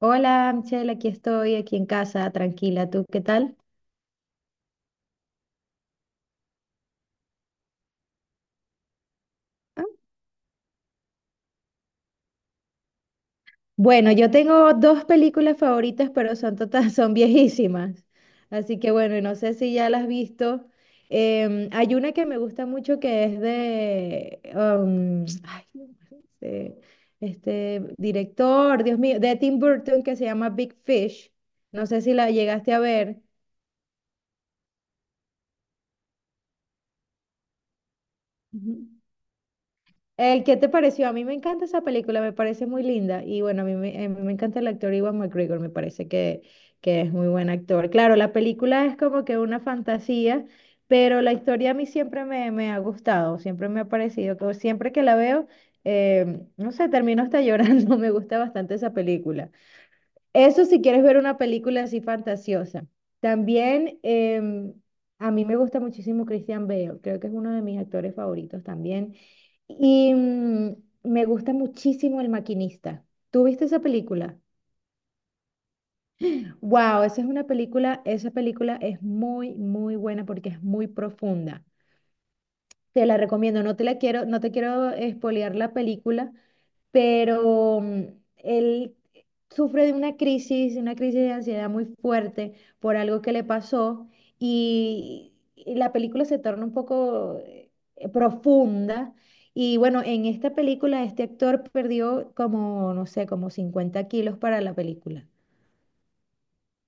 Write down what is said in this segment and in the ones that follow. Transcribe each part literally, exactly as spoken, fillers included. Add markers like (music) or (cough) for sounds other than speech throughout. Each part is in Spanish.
Hola, Michelle, aquí estoy, aquí en casa, tranquila. ¿Tú qué tal? Ah, Bueno, yo tengo dos películas favoritas, pero son total, (laughs) son viejísimas. Así que bueno, no sé si ya las has visto. Em, hay una que me gusta mucho que es de, um, ay, no sé, este director, Dios mío, de Tim Burton que se llama Big Fish. No sé si la llegaste a ver. Ujú. Eh, ¿qué te pareció? A mí me encanta esa película, me parece muy linda. Y bueno, a mí me, a mí me encanta el actor Iwan McGregor, me parece que, que es muy buen actor. Claro, la película es como que una fantasía, pero la historia a mí siempre me, me ha gustado, siempre me ha parecido, que siempre que la veo, eh, no sé, termino hasta llorando, (laughs) me gusta bastante esa película. Eso si quieres ver una película así fantasiosa. También em, a mí me gusta muchísimo Christian Bale, creo que es uno de mis actores favoritos también. Y mm, me gusta muchísimo El Maquinista. ¿Tú viste esa película? Wow, esa es una película, esa película es muy, muy buena porque es muy profunda. Te la recomiendo, no te la quiero, no te quiero espolear la película, pero mm, él sufre de una crisis, una crisis de ansiedad muy fuerte por algo que le pasó y, y la película se torna un poco eh, profunda. Y bueno, en esta película este actor perdió como, no sé, como cincuenta kilos para la película.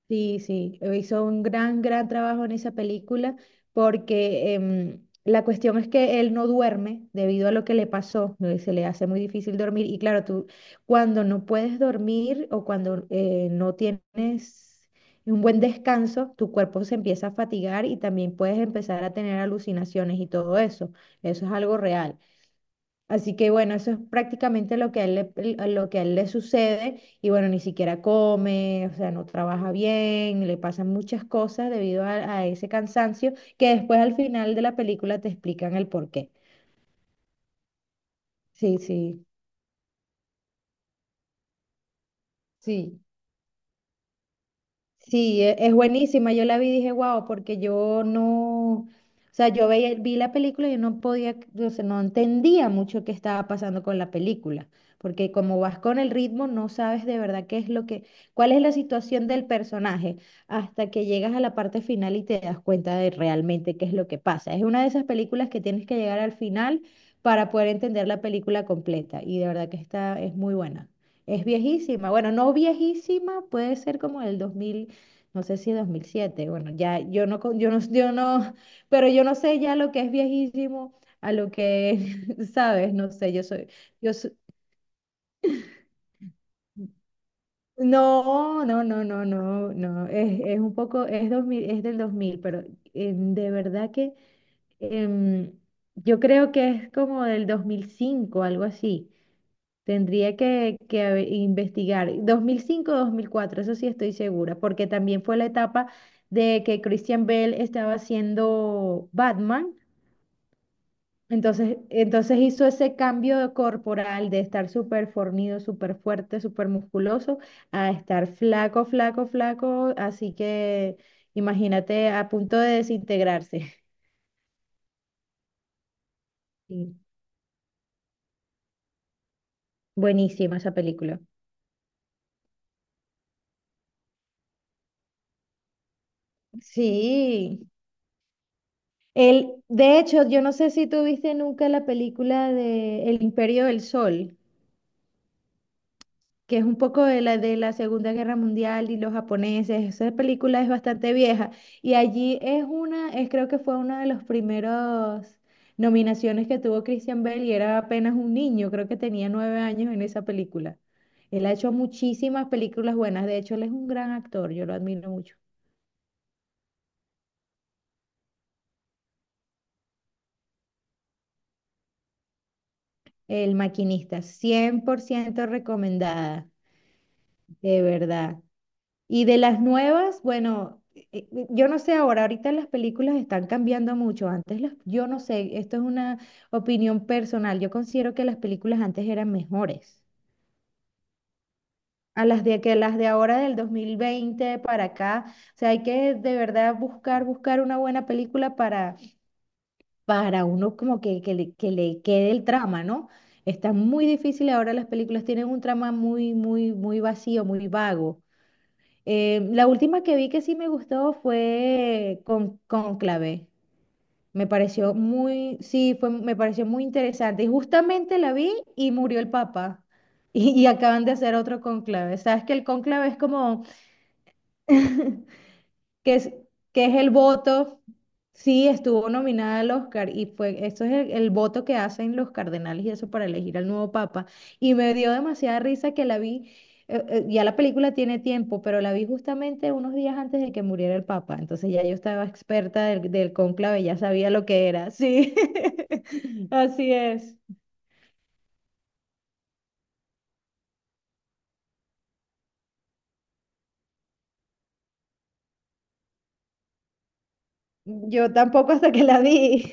Sí, sí, eh, hizo un gran, gran trabajo en esa película porque em, la cuestión es que él no duerme debido a lo que le pasó, ¿no? Se le hace muy difícil dormir y claro, tú cuando no puedes dormir o cuando eh, no tienes un buen descanso, tu cuerpo se empieza a fatigar y también puedes empezar a tener alucinaciones y todo eso, eso es algo real. Así que bueno, eso es prácticamente lo que a él le, el- a lo que a él le sucede y bueno, ni siquiera come, o sea, no trabaja bien, le pasan muchas cosas debido a, a ese cansancio que después al final de la película te explican el por qué. Sí, sí, sí. Sí, e- es buenísima. Yo la vi y dije, wow, porque yo no, o sea, yo veía, vi la película y yo no podía, o sea, no entendía mucho qué estaba pasando con la película, porque como vas con el ritmo, no sabes de verdad qué es lo que, cuál es la situación del personaje, hasta que llegas a la parte final y te das cuenta de realmente qué es lo que pasa. Es una de esas películas que tienes que llegar al final para poder entender la película completa, y de verdad que esta es muy buena. Es viejísima, bueno, no viejísima, puede ser como el dos mil no sé si dos mil siete, bueno, ya yo no, con- yo no, (laughs) yo no, pero yo no sé ya lo que es viejísimo a lo que, (laughs) sabes, no sé, yo soy, yo soy, no, no, no, no, no, no, es, es un poco, es dos mil, es del dos mil, pero em, de verdad que em, yo creo que es como del dos mil cinco, algo así. Tendría que, que haber- investigar. dos mil cinco-dos mil cuatro, eso sí estoy segura, porque también fue la etapa de que Christian Bale estaba haciendo Batman. Entonces, entonces hizo ese cambio corporal de estar súper fornido, súper fuerte, súper musculoso, a estar flaco, flaco, flaco. Así que imagínate a punto de desintegrarse. (laughs) Sí, buenísima esa película. Sí, El, de hecho, yo no sé si tú viste nunca la película de El Imperio del Sol, que es un poco de la, de la Segunda Guerra Mundial y los japoneses. Esa película es bastante vieja y allí es una, es creo que fue una de los primeros nominaciones que tuvo Christian Bale y era apenas un niño, creo que tenía nueve años en esa película. Él ha hecho muchísimas películas buenas, de hecho él es un gran actor, yo lo admiro mucho. El Maquinista, cien por ciento recomendada, de verdad. Y de las nuevas, bueno, eh, eh, yo no sé ahora, ahorita las películas están cambiando mucho. Antes las, yo no sé, esto es una opinión personal. Yo considero que las películas antes eran mejores. A las de que las de ahora del dos mil veinte para acá, o sea, hay que de verdad buscar, buscar una buena película para, para uno como que, que le, que le quede el trama, ¿no? Está muy difícil ahora las películas tienen un trama muy, muy, muy vacío, muy vago. Eh, la última que vi que sí me gustó fue con Cónclave. Me pareció muy, sí, fue, me pareció muy interesante. Y justamente la vi y murió el Papa. (laughs) Y, y acaban de hacer otro cónclave. Sabes que el cónclave es como (laughs) que es, que es el voto, sí estuvo nominada al Oscar y fue, esto es el, el voto que hacen los cardenales y eso para elegir al nuevo papa. Y me dio demasiada risa que la vi, eh, eh, ya la película tiene tiempo, pero la vi justamente unos días antes de que muriera el papa. Entonces ya yo estaba experta del, del cónclave, ya sabía lo que era, sí. (laughs) Así es. Yo tampoco hasta que la vi.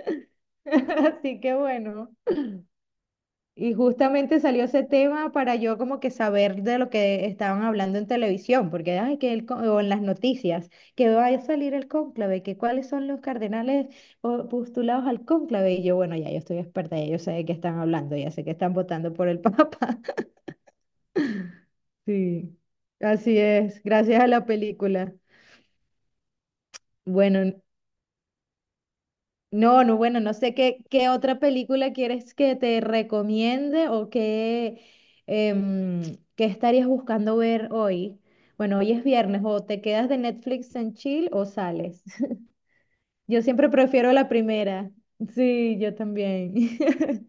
(laughs) Así que bueno. Y justamente salió ese tema para yo como que saber de lo que estaban hablando en televisión, porque ay, que el, co- o en las noticias, que va a salir el cónclave, que cuáles son los cardenales o- postulados al cónclave. Y yo, bueno, ya yo estoy experta, ya yo sé de qué están hablando, ya sé que están votando por el (laughs) Papa. Sí, así es, gracias a la película. Bueno, no, no, bueno, no sé qué, qué otra película quieres que te recomiende o qué, em, qué estarías buscando ver hoy. Bueno, hoy es viernes, o te quedas de Netflix en chill o sales. (laughs) Yo siempre prefiero la primera. Sí, yo también. (laughs)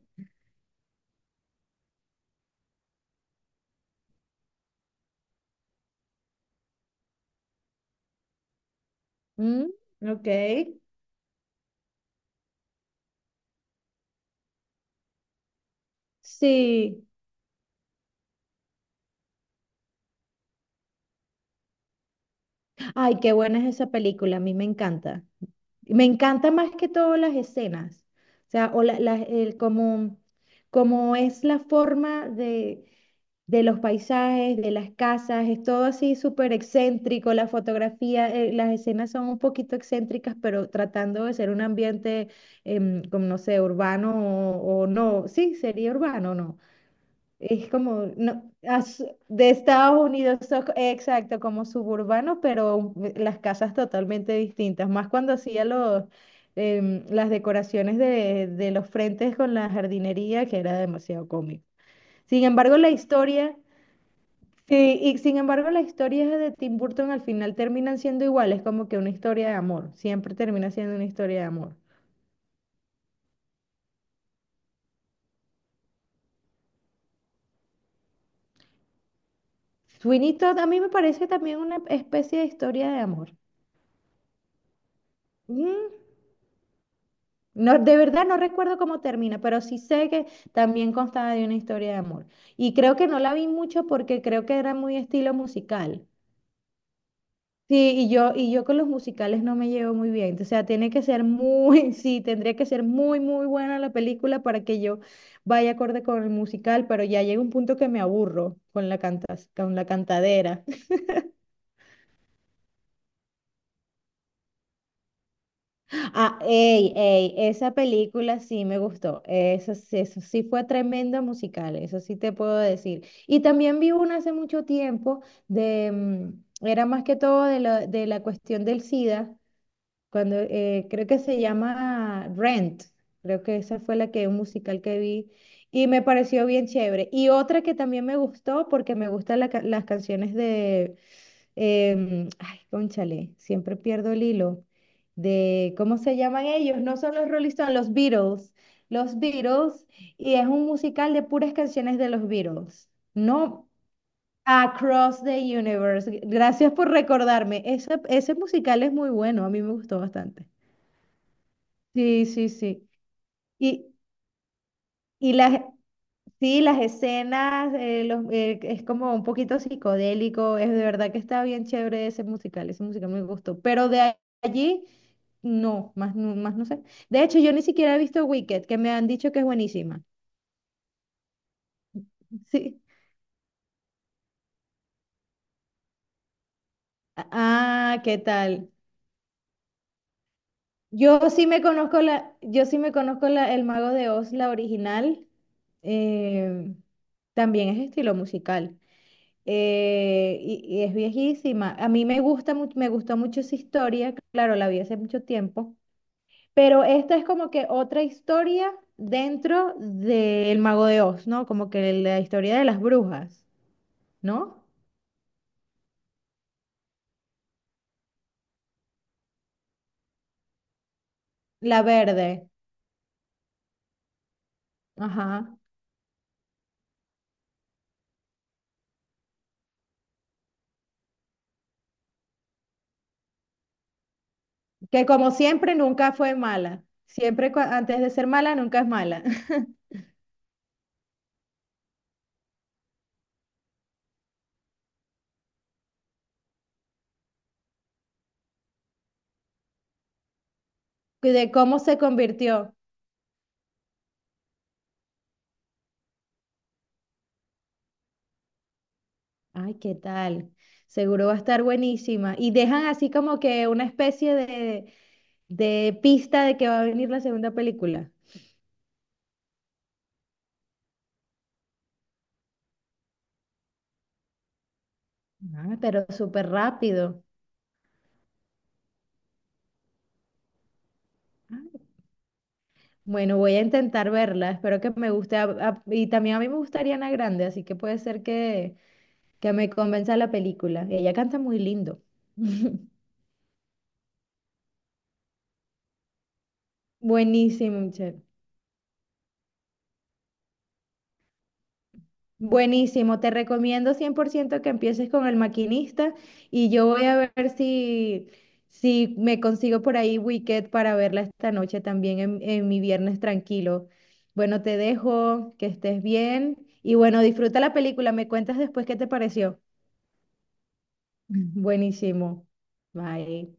Mm, ok. Sí. Ay, qué buena es esa película, a mí me encanta. Me encanta más que todo las escenas. O sea, o la, la- el, como, como es la forma de de los paisajes, de las casas, es todo así súper excéntrico, la fotografía, eh, las escenas son un poquito excéntricas, pero tratando de ser un ambiente, em, como no sé, urbano o, o no, sí, sería urbano, no. Es como no, as- de Estados Unidos, so- exacto, como suburbano, pero las casas totalmente distintas, más cuando hacía los, em, las decoraciones de, de los frentes con la jardinería, que era demasiado cómico. Sin embargo, la historia. Sí, y sin embargo las historias de Tim Burton al final terminan siendo iguales, como que una historia de amor, siempre termina siendo una historia de amor. Sweeney Todd a mí me parece también una especie de historia de amor. Mm, No, de verdad no recuerdo cómo termina, pero sí sé que también constaba de una historia de amor. Y creo que no la vi mucho porque creo que era muy estilo musical. Sí, y yo, y yo con los musicales no me llevo muy bien. O sea, tiene que ser muy, (laughs) sí, tendría que ser muy, muy buena la película para que yo vaya acorde con el musical, pero ya llega un punto que me aburro con la cantas, con la cantadera. (laughs) Ah, ey, ey, esa película sí me gustó. Eso, sí- eso sí fue tremendo musical, eso sí te puedo decir. Y también vi una hace mucho tiempo de, mm, era más que todo de la, de la cuestión del SIDA cuando, eh, creo que se llama Rent, creo que esa fue la que, un musical que vi y me pareció bien chévere. Y otra que también me gustó porque me gustan la ca- las canciones de, em, ay, cónchale, siempre pierdo el hilo, de, ¿cómo se llaman ellos? No son los Rolling Stones, los Beatles, los Beatles, y es un musical de puras canciones de los Beatles. No, Across the Universe. Gracias por recordarme. Ese, ese musical es muy bueno, a mí me gustó bastante. Sí, sí, sí. Y, y las, sí, las escenas, eh, los, eh, es como un poquito psicodélico, es de verdad que está bien chévere ese musical, ese musical me gustó, pero de a- allí, no, más, no- más no sé. De hecho, yo ni siquiera he visto Wicked, que me han dicho que es buenísima. (laughs) Sí. Ah, ¿qué tal? Yo sí me conozco la, yo sí me conozco la, El Mago de Oz, la original, eh, también es estilo musical. eh, y, y es viejísima. A mí me gusta, mu- me gustó mucho esa historia, claro, la vi hace mucho tiempo, pero esta es como que otra historia dentro del Mago de Oz, ¿no? Como que la historia de las brujas, ¿no? La verde, ajá. Que como siempre nunca fue mala. Siempre cua- antes de ser mala, nunca es mala. (laughs) Y de cómo se convirtió. Ay, ¿qué tal? Seguro va a estar buenísima. Y dejan así como que una especie de, de pista de que va a venir la segunda película. Ah, pero súper rápido. Bueno, voy a intentar verla. Espero que me guste. a- a- y también a mí me gustaría Ana Grande, así que puede ser que, que me convenza la película. Ella canta muy lindo. (laughs) Buenísimo, Michelle. Buenísimo, te recomiendo cien por ciento que empieces con El Maquinista y yo voy a ver si, si me consigo por ahí Wicked para verla esta noche también en, en mi viernes tranquilo. Bueno, te dejo, que estés bien y bueno, disfruta la película, me cuentas después qué te pareció. Buenísimo. Bye.